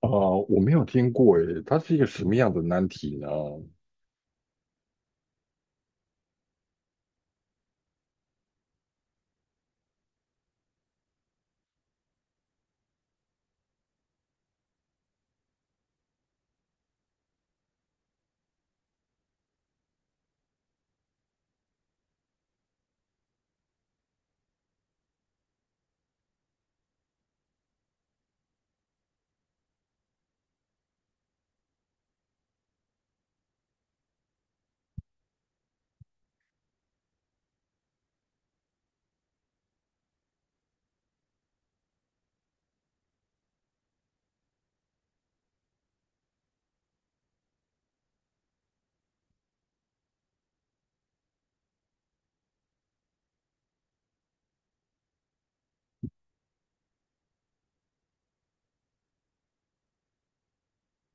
啊、我没有听过诶，它是一个什么样的难题呢？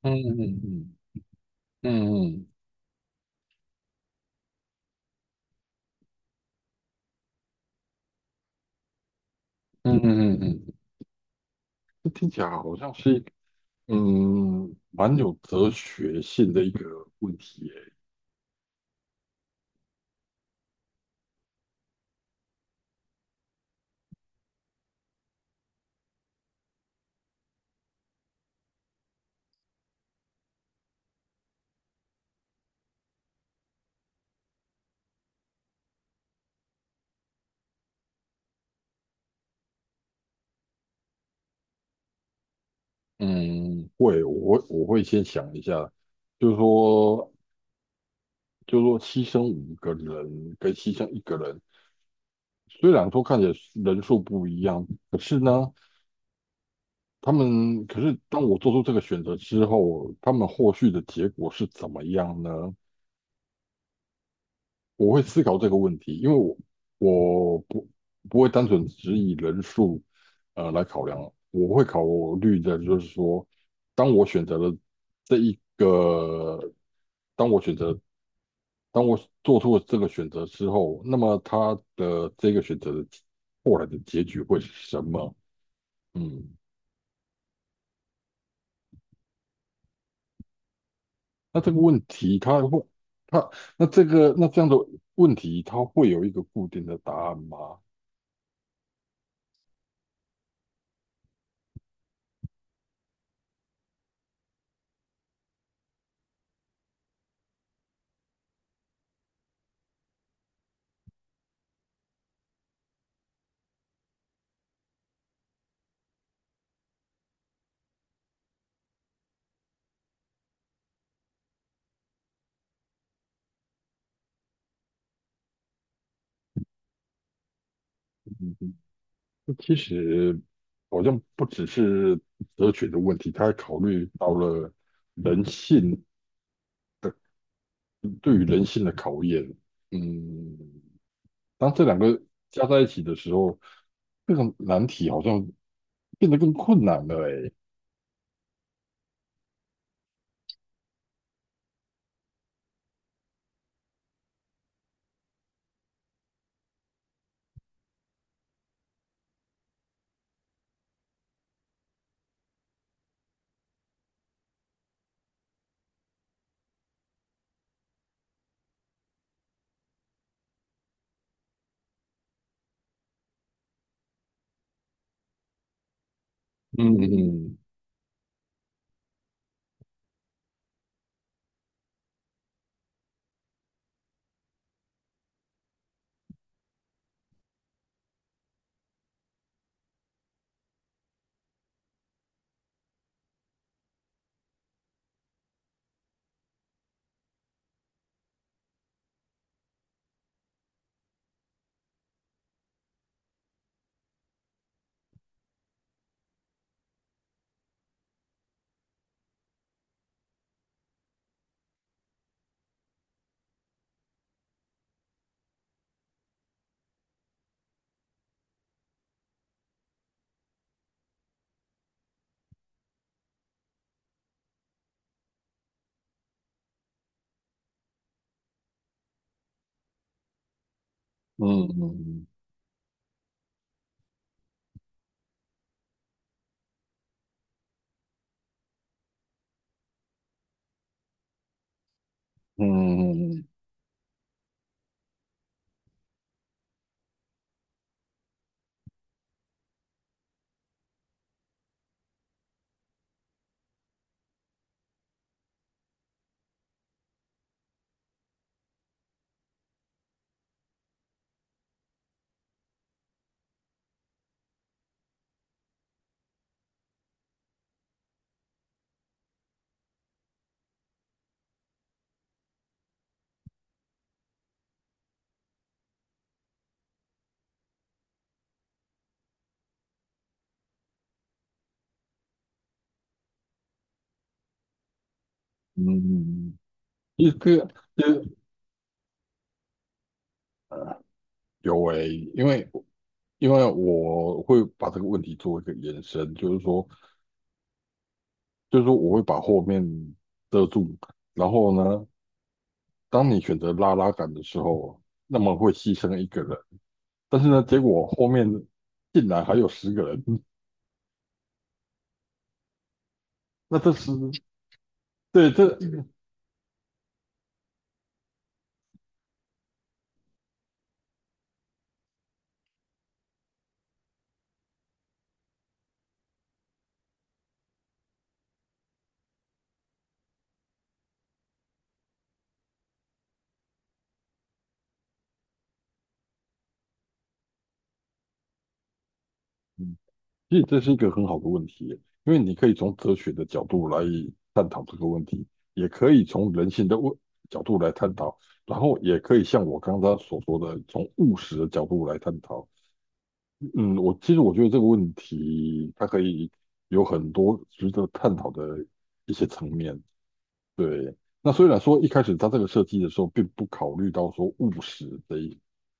嗯嗯嗯嗯嗯。这听起来好像是一个蛮有哲学性的一个问题诶。嗯，会，我会先想一下，就是说就是说牺牲五个人跟牺牲一个人，虽然说看起来人数不一样，可是呢，他们可是当我做出这个选择之后，他们后续的结果是怎么样呢？我会思考这个问题，因为我不会单纯只以人数来考量，我会考虑的就是说，当我选择了这一个，当我选择，当我做出了这个选择之后，那么他的这个选择的后来的结局会是什么？嗯，那这个问题它会，它那这样的问题，它会有一个固定的答案吗？嗯，其实好像不只是哲学的问题，他还考虑到了人性，对于人性的考验。嗯，当这两个加在一起的时候，这个难题好像变得更困难了。哎，嗯嗯嗯嗯嗯嗯，嗯一个有哎，因为我会把这个问题做一个延伸，就是说。我会把后面遮住，然后呢，当你选择拉拉杆的时候，那么会牺牲一个人，但是呢，结果后面进来还有10个人，那这是对这，嗯其实这是一个很好的问题耶，因为你可以从哲学的角度来探讨这个问题，也可以从人性的角度来探讨，然后也可以像我刚刚所说的，从务实的角度来探讨。嗯，其实我觉得这个问题，它可以有很多值得探讨的一些层面。对，那虽然说一开始它这个设计的时候，并不考虑到说务实这一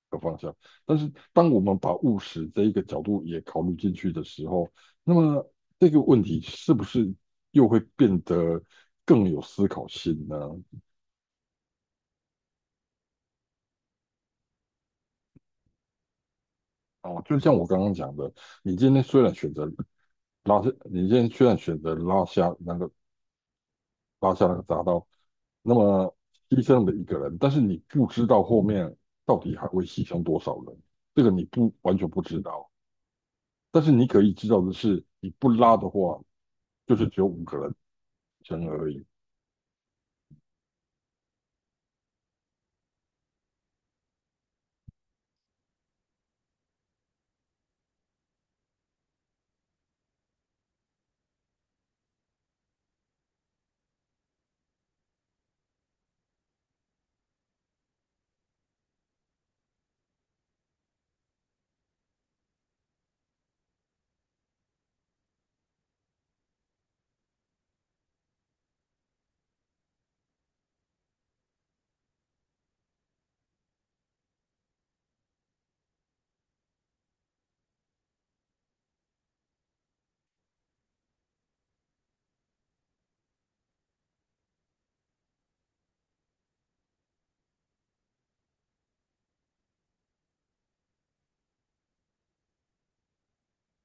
个方向，但是当我们把务实这一个角度也考虑进去的时候，那么这个问题是不是又会变得更有思考性呢？哦，就像我刚刚讲的，你今天虽然选择你今天虽然选择拉下那个闸刀。那么牺牲了一个人，但是你不知道后面到底还会牺牲多少人，这个你不完全不知道。但是你可以知道的是，你不拉的话，就是只有五个人生而已。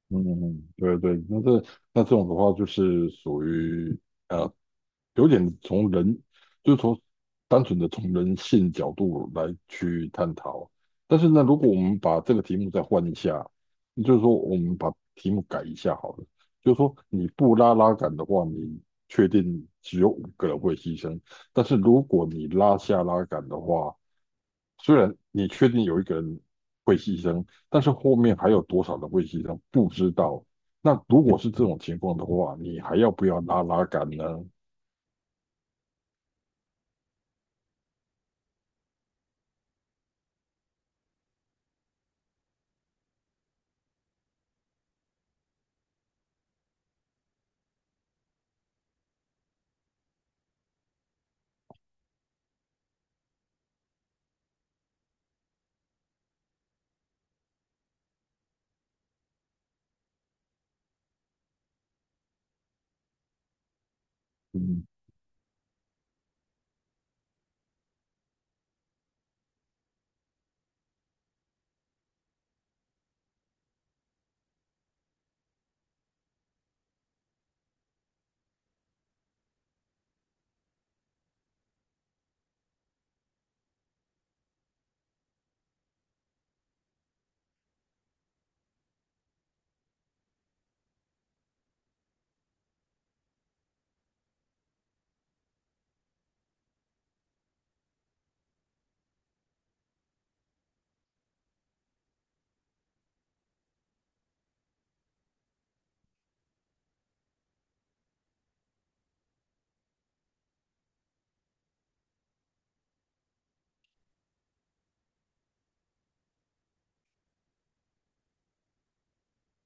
嗯，对对，那这种的话，就是属于呃有点从人，就是单纯的从人性角度来去探讨。但是呢，如果我们把这个题目再换一下，就是说我们把题目改一下好了，就是说你不拉拉杆的话，你确定只有五个人会牺牲，但是如果你拉下拉杆的话，虽然你确定有一个人会牺牲，但是后面还有多少人会牺牲不知道。那如果是这种情况的话，你还要不要拉拉杆呢？嗯。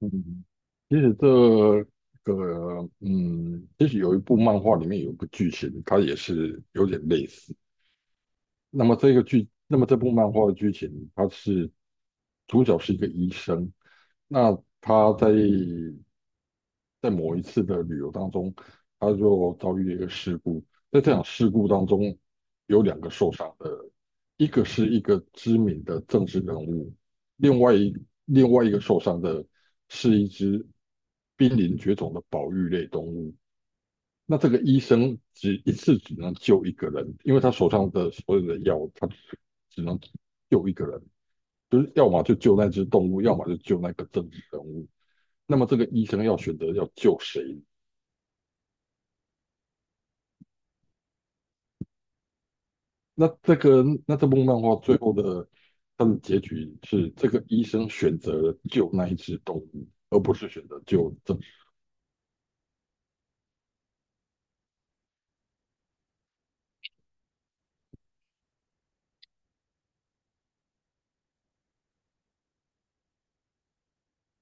嗯，其实这个，嗯，其实有一部漫画里面有个剧情，它也是有点类似。那么这部漫画的剧情，它是主角是一个医生，那他在某一次的旅游当中，他就遭遇了一个事故。在这场事故当中，有两个受伤的，一个是一个知名的政治人物，另外一另外一个受伤的是一只濒临绝种的保育类动物。那这个医生只一次只能救一个人，因为他手上的所有的药，他只能救一个人。就是要么就救那只动物，要么就救那个政治人物。那么这个医生要选择要救谁？那这部漫画最后的它的结局是，这个医生选择了救那一只动物，而不是选择救政府。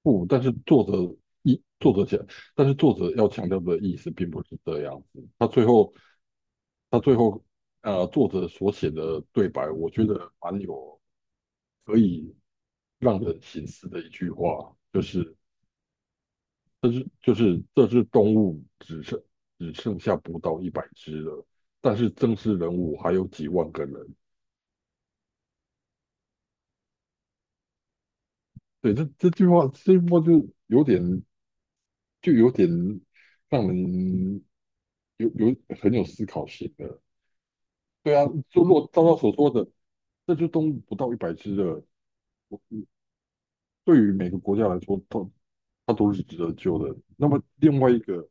不，但是作者一作者讲，但是作者要强调的意思并不是这样子。他最后作者所写的对白，我觉得蛮有可以让人醒思的一句话，就是这只动物只剩下不到一百只了，但是正式人物还有几万个人。对，这句话就有点就有点让人有有很有思考性的。对啊，就如果照他所说的，这只动物不到一百只了，对于每个国家来说，它都是值得救的。那么另外一个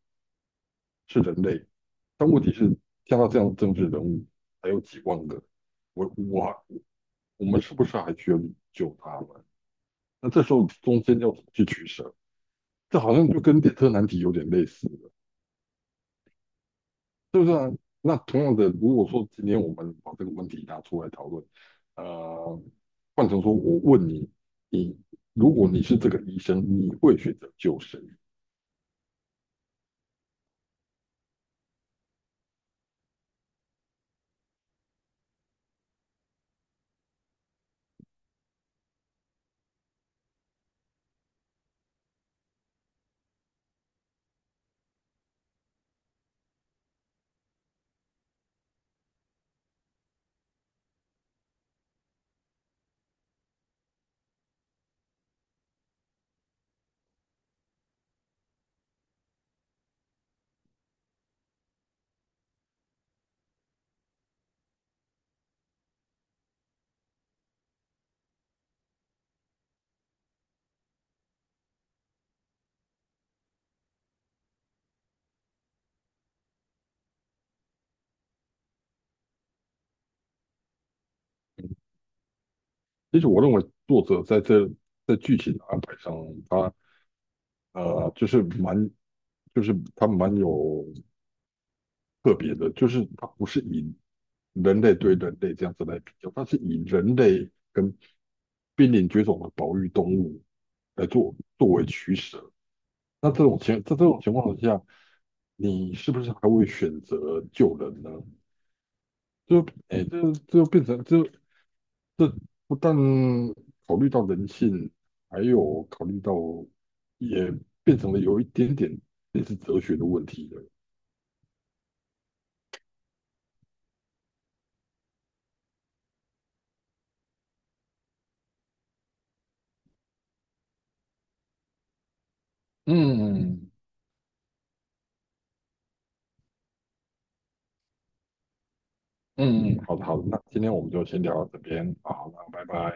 是人类，但问题是像他这样的政治人物还有几万个，我我我们是不是还需要救他们？那这时候中间要怎么去取舍？这好像就跟列车难题有点类似的，是不是啊？那同样的，如果说今天我们把这个问题拿出来讨论，呃，换成说我问你，你如果你是这个医生，你会选择救谁？其实我认为作者在剧情的安排上，他呃就是蛮他蛮有特别的，就是它不是以人类对人类这样子来比较，它是以人类跟濒临绝种的保育动物来做作为取舍。那这种情在这种情况下，你是不是还会选择救人呢？就哎,这就变成这不但考虑到人性，还有考虑到也变成了有一点点类似哲学的问题了。嗯，嗯嗯，好的好的，那今天我们就先聊到这边，好，那拜拜。